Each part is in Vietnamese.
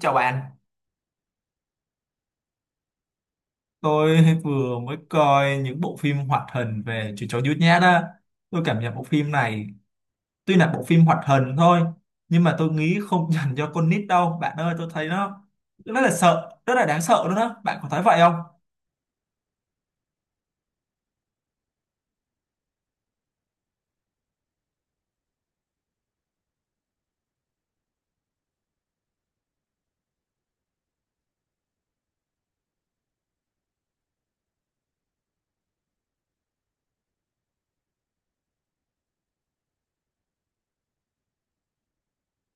Chào bạn, tôi vừa mới coi những bộ phim hoạt hình về chú chó nhút nhát á. Tôi cảm nhận bộ phim này, tuy là bộ phim hoạt hình thôi, nhưng mà tôi nghĩ không dành cho con nít đâu. Bạn ơi, tôi thấy nó rất là sợ, rất là đáng sợ luôn đó. Bạn có thấy vậy không?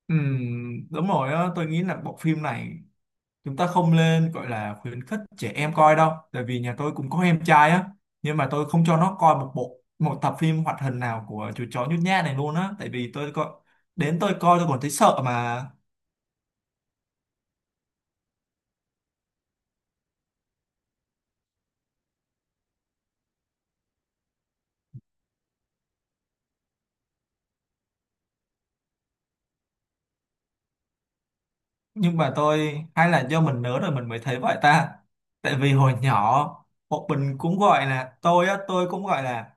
Đúng rồi á, tôi nghĩ là bộ phim này chúng ta không nên gọi là khuyến khích trẻ em coi đâu, tại vì nhà tôi cũng có em trai á, nhưng mà tôi không cho nó coi một tập phim hoạt hình nào của chú chó nhút nhát này luôn á. Tại vì tôi coi đến tôi coi tôi còn thấy sợ mà. Nhưng mà tôi hay là do mình lớn rồi mình mới thấy vậy ta? Tại vì hồi nhỏ bọn mình cũng gọi là tôi cũng gọi là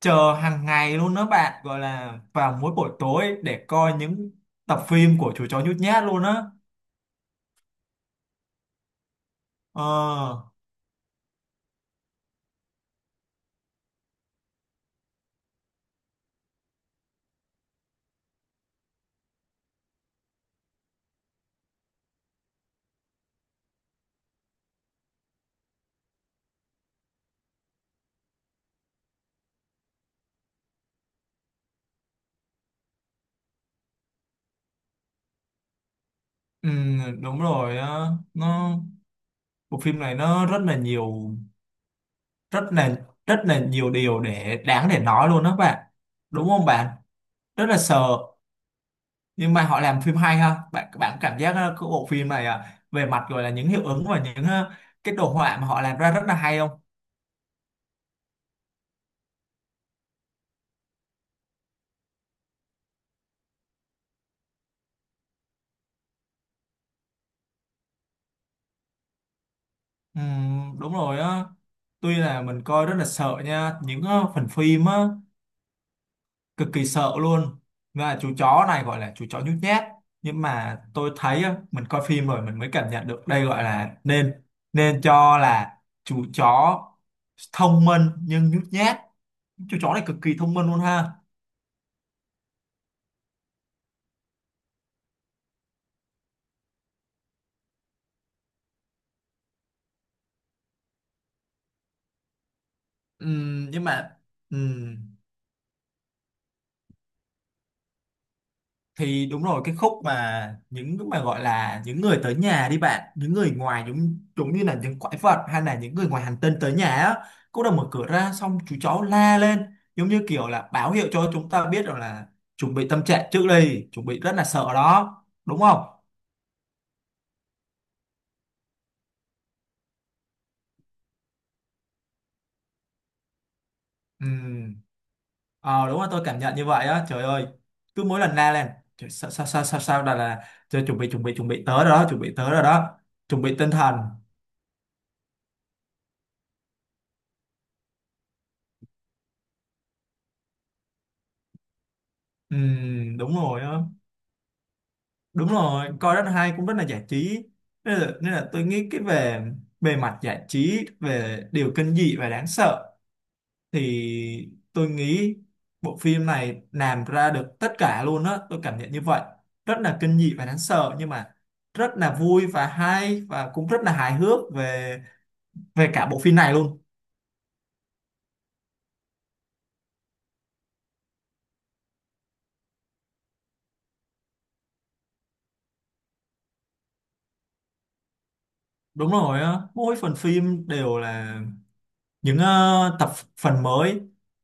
chờ hàng ngày luôn đó bạn, gọi là vào mỗi buổi tối để coi những tập phim của chú chó nhút nhát luôn á. ờ Ừ, đúng rồi á. nó Bộ phim này nó rất là rất là nhiều điều để đáng để nói luôn đó bạn, đúng không bạn? Rất là sợ. Nhưng mà họ làm phim hay ha bạn bạn cảm giác cái bộ phim này về mặt gọi là những hiệu ứng và những cái đồ họa mà họ làm ra rất là hay không? Ừ, đúng rồi á. Tuy là mình coi rất là sợ nha những phần phim á, cực kỳ sợ luôn. Và chú chó này gọi là chú chó nhút nhát, nhưng mà tôi thấy á, mình coi phim rồi mình mới cảm nhận được đây gọi là nên nên cho là chú chó thông minh nhưng nhút nhát. Chú chó này cực kỳ thông minh luôn ha. Nhưng mà ừm, thì đúng rồi, cái khúc mà những cái mà gọi là những người tới nhà đi bạn, những người ngoài giống giống như là những quái vật hay là những người ngoài hành tinh tới nhà á, cô đã mở cửa ra xong chú cháu la lên giống như kiểu là báo hiệu cho chúng ta biết rằng là chuẩn bị tâm trạng trước đi, chuẩn bị rất là sợ đó, đúng không? Ừ. ờ Đúng là tôi cảm nhận như vậy á, trời ơi, cứ mỗi lần la lên trời, sao sao sao sao sao là trời chuẩn bị chuẩn bị chuẩn bị tới rồi đó, chuẩn bị tới rồi đó, chuẩn bị tinh thần. Ừ, đúng rồi á, đúng rồi, coi Đất Hai cũng rất là giải trí. Nên là tôi nghĩ cái về bề mặt giải trí, về điều kinh dị và đáng sợ thì tôi nghĩ bộ phim này làm ra được tất cả luôn á, tôi cảm nhận như vậy. Rất là kinh dị và đáng sợ nhưng mà rất là vui và hay và cũng rất là hài hước về về cả bộ phim này luôn. Đúng rồi á, mỗi phần phim đều là những tập, phần mới.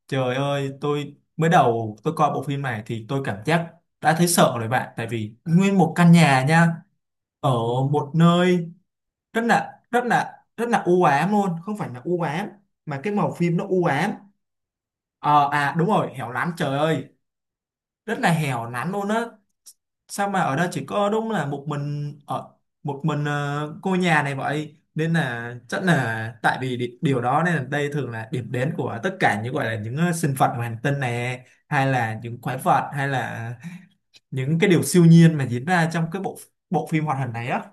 Trời ơi, tôi mới đầu tôi coi bộ phim này thì tôi cảm giác đã thấy sợ rồi bạn, tại vì nguyên một căn nhà nha, ở một nơi rất là rất là rất là u ám luôn, không phải là u ám mà cái màu phim nó u ám. Đúng rồi, hẻo lánh, trời ơi, rất là hẻo lánh luôn á. Sao mà ở đây chỉ có đúng là một mình ở một mình cô nhà này, vậy nên là chắc là tại vì điều đó, nên là đây thường là điểm đến của tất cả những gọi là những sinh vật ngoài hành tinh này, hay là những quái vật hay là những cái điều siêu nhiên mà diễn ra trong cái bộ bộ phim hoạt hình này á.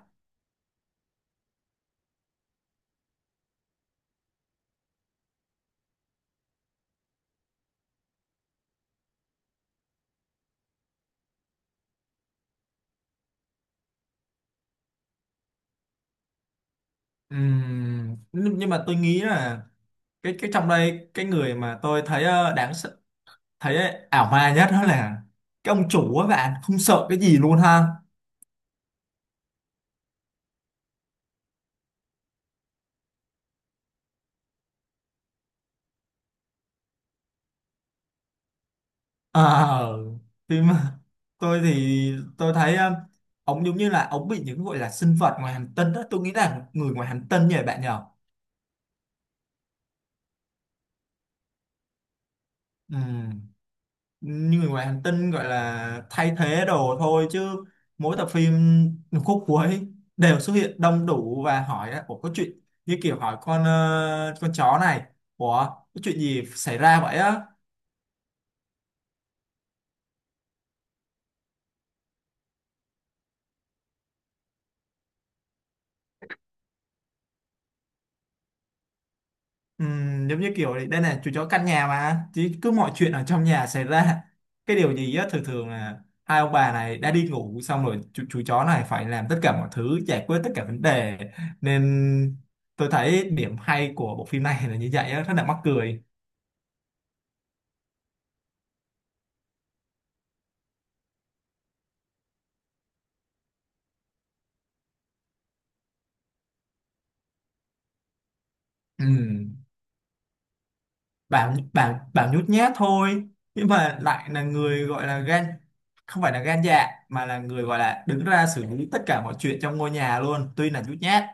Nhưng mà tôi nghĩ là cái trong đây, cái người mà tôi thấy ờ, đáng sợ- thấy ảo ma nhất đó là cái ông chủ á bạn, không sợ cái gì luôn ha. Ờ, thì mà, tôi thì tôi thấy ông giống như là ông bị những gọi là sinh vật ngoài hành tinh đó, tôi nghĩ là người ngoài hành tinh nhỉ bạn nhở. Ừm, như người ngoài hành tinh gọi là thay thế đồ thôi chứ, mỗi tập phim khúc cuối đều xuất hiện đông đủ và hỏi là ủa có chuyện, như kiểu hỏi con chó này, ủa có chuyện gì xảy ra vậy á. Giống như kiểu đấy, đây này chú chó căn nhà mà chứ, cứ mọi chuyện ở trong nhà xảy ra cái điều gì á, thường thường là hai ông bà này đã đi ngủ xong rồi chú chó này phải làm tất cả mọi thứ, giải quyết tất cả vấn đề. Nên tôi thấy điểm hay của bộ phim này là như vậy á, rất là mắc cười. Ừm, bảo bảo bảo nhút nhát thôi nhưng mà lại là người gọi là gan, không phải là gan dạ mà là người gọi là đứng ra xử lý tất cả mọi chuyện trong ngôi nhà luôn, tuy là nhút nhát.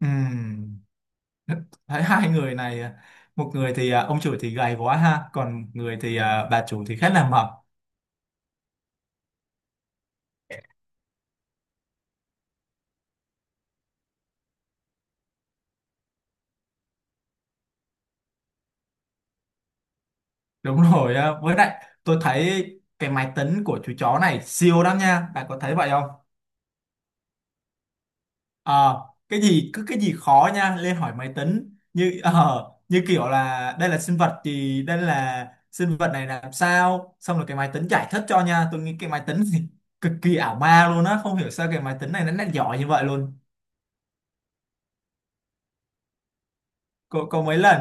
Ừm. Thấy hai người này một người thì ông chủ thì gầy quá ha, còn người thì bà chủ thì khá là mập. Đúng rồi á. Với lại tôi thấy cái máy tính của chú chó này siêu lắm nha, bạn có thấy vậy không? Ờ, cái gì cứ cái gì khó nha lên hỏi máy tính, như như kiểu là đây là sinh vật gì, đây là sinh vật này làm sao, xong rồi cái máy tính giải thích cho nha. Tôi nghĩ cái máy tính thì cực kỳ ảo ma luôn á, không hiểu sao cái máy tính này nó lại giỏi như vậy luôn. Có mấy lần.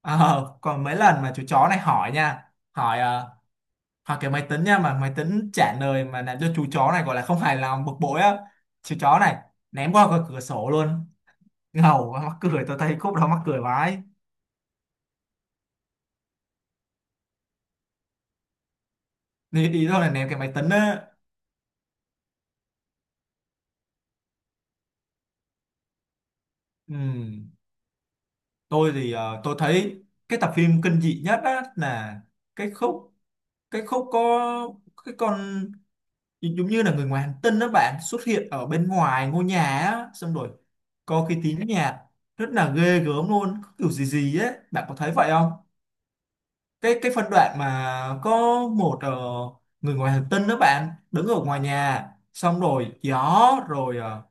Ờ, còn mấy lần mà chú chó này hỏi nha, hỏi cái máy tính nha, mà máy tính trả lời mà làm cho chú chó này gọi là không hài lòng, bực bội á, chú chó này ném qua cái cửa sổ luôn. Ngầu quá, mắc cười, tôi thấy khúc đó mắc cười vãi. Đi ý tôi là ném cái máy tính á. Ừ. Tôi thì tôi thấy cái tập phim kinh dị nhất á là cái khúc, có cái con giống như là người ngoài hành tinh đó bạn, xuất hiện ở bên ngoài ngôi nhà á, xong rồi có cái tiếng nhạc rất là ghê gớm luôn, có kiểu gì gì ấy, bạn có thấy vậy không? Cái phân đoạn mà có một ờ, người ngoài hành tinh đó bạn đứng ở ngoài nhà, xong rồi gió rồi ờ,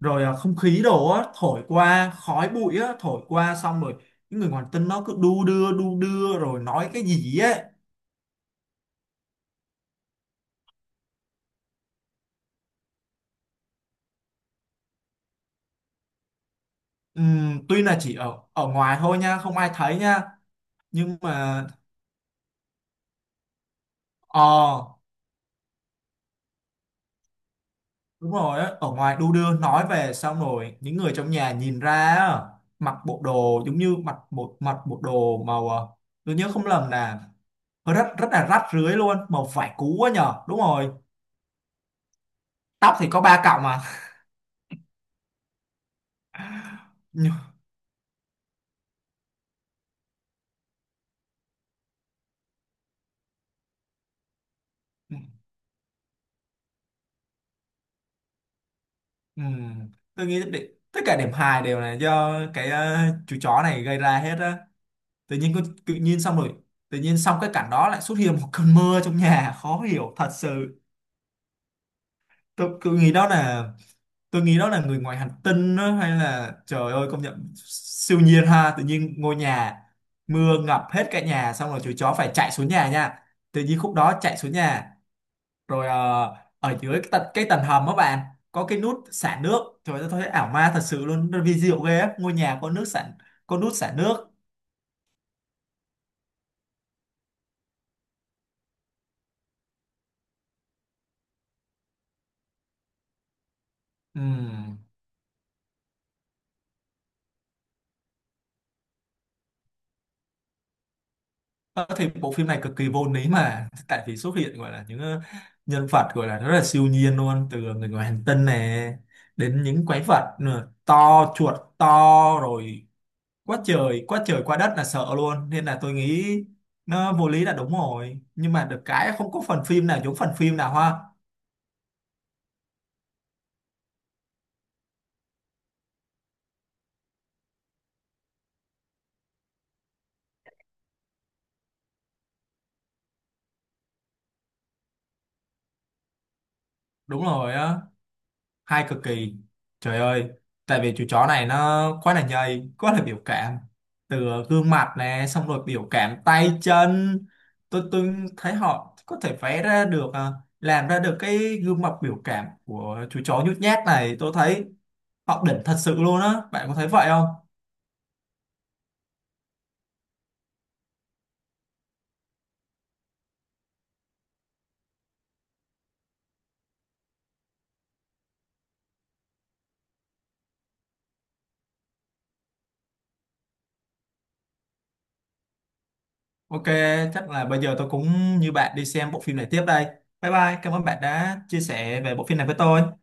rồi ờ, không khí đổ á, thổi qua khói bụi á, thổi qua xong rồi những người ngoài hành tinh nó cứ đu đưa rồi nói cái gì ấy. Tuy là chỉ ở ở ngoài thôi nha, không ai thấy nha, nhưng mà. Ờ, đúng rồi á, ở ngoài đu đưa nói về sao nổi, những người trong nhà nhìn ra á, mặc bộ đồ giống như mặc mặc bộ đồ màu tôi nhớ không lầm là hơi rất rất là rách rưới luôn, màu vải cũ quá nhờ, đúng rồi, tóc thì có ba cọng mà. Nhưng- ừm, tôi nghĩ để, tất cả điểm hài đều là do cái chú chó này gây ra hết á. Tự nhiên có- tự nhiên xong rồi tự nhiên xong cái cảnh đó lại xuất hiện một cơn mưa trong nhà, khó hiểu thật sự. Tôi nghĩ đó là người ngoài hành tinh đó, hay là trời ơi công nhận siêu nhiên ha, tự nhiên ngôi nhà mưa ngập hết cả nhà, xong rồi chú chó phải chạy xuống nhà nha, tự nhiên khúc đó chạy xuống nhà rồi ở dưới cái tầng hầm á bạn, có cái nút xả nước, trời ơi tôi thấy ảo ma thật sự luôn, nó vi diệu ghê á, ngôi nhà có nước xả, có nút xả nước. Ừ. Ờ, thì bộ phim này cực kỳ vô lý mà tại vì xuất hiện gọi là những nhân vật gọi là rất là siêu nhiên luôn, từ người ngoài hành tinh này đến những quái vật nữa, to, chuột to rồi, quá trời quá trời quá đất là sợ luôn, nên là tôi nghĩ nó vô lý là đúng rồi, nhưng mà được cái không có phần phim nào giống phần phim nào ha. Đúng rồi á, hay cực kỳ, trời ơi, tại vì chú chó này nó quá là nhầy, quá là biểu cảm, từ gương mặt nè xong rồi biểu cảm tay chân. Tôi thấy họ có thể vẽ ra được à, làm ra được cái gương mặt biểu cảm của chú chó nhút nhát này, tôi thấy họ đỉnh thật sự luôn á, bạn có thấy vậy không? OK, chắc là bây giờ tôi cũng như bạn đi xem bộ phim này tiếp đây. Bye bye, cảm ơn bạn đã chia sẻ về bộ phim này với tôi.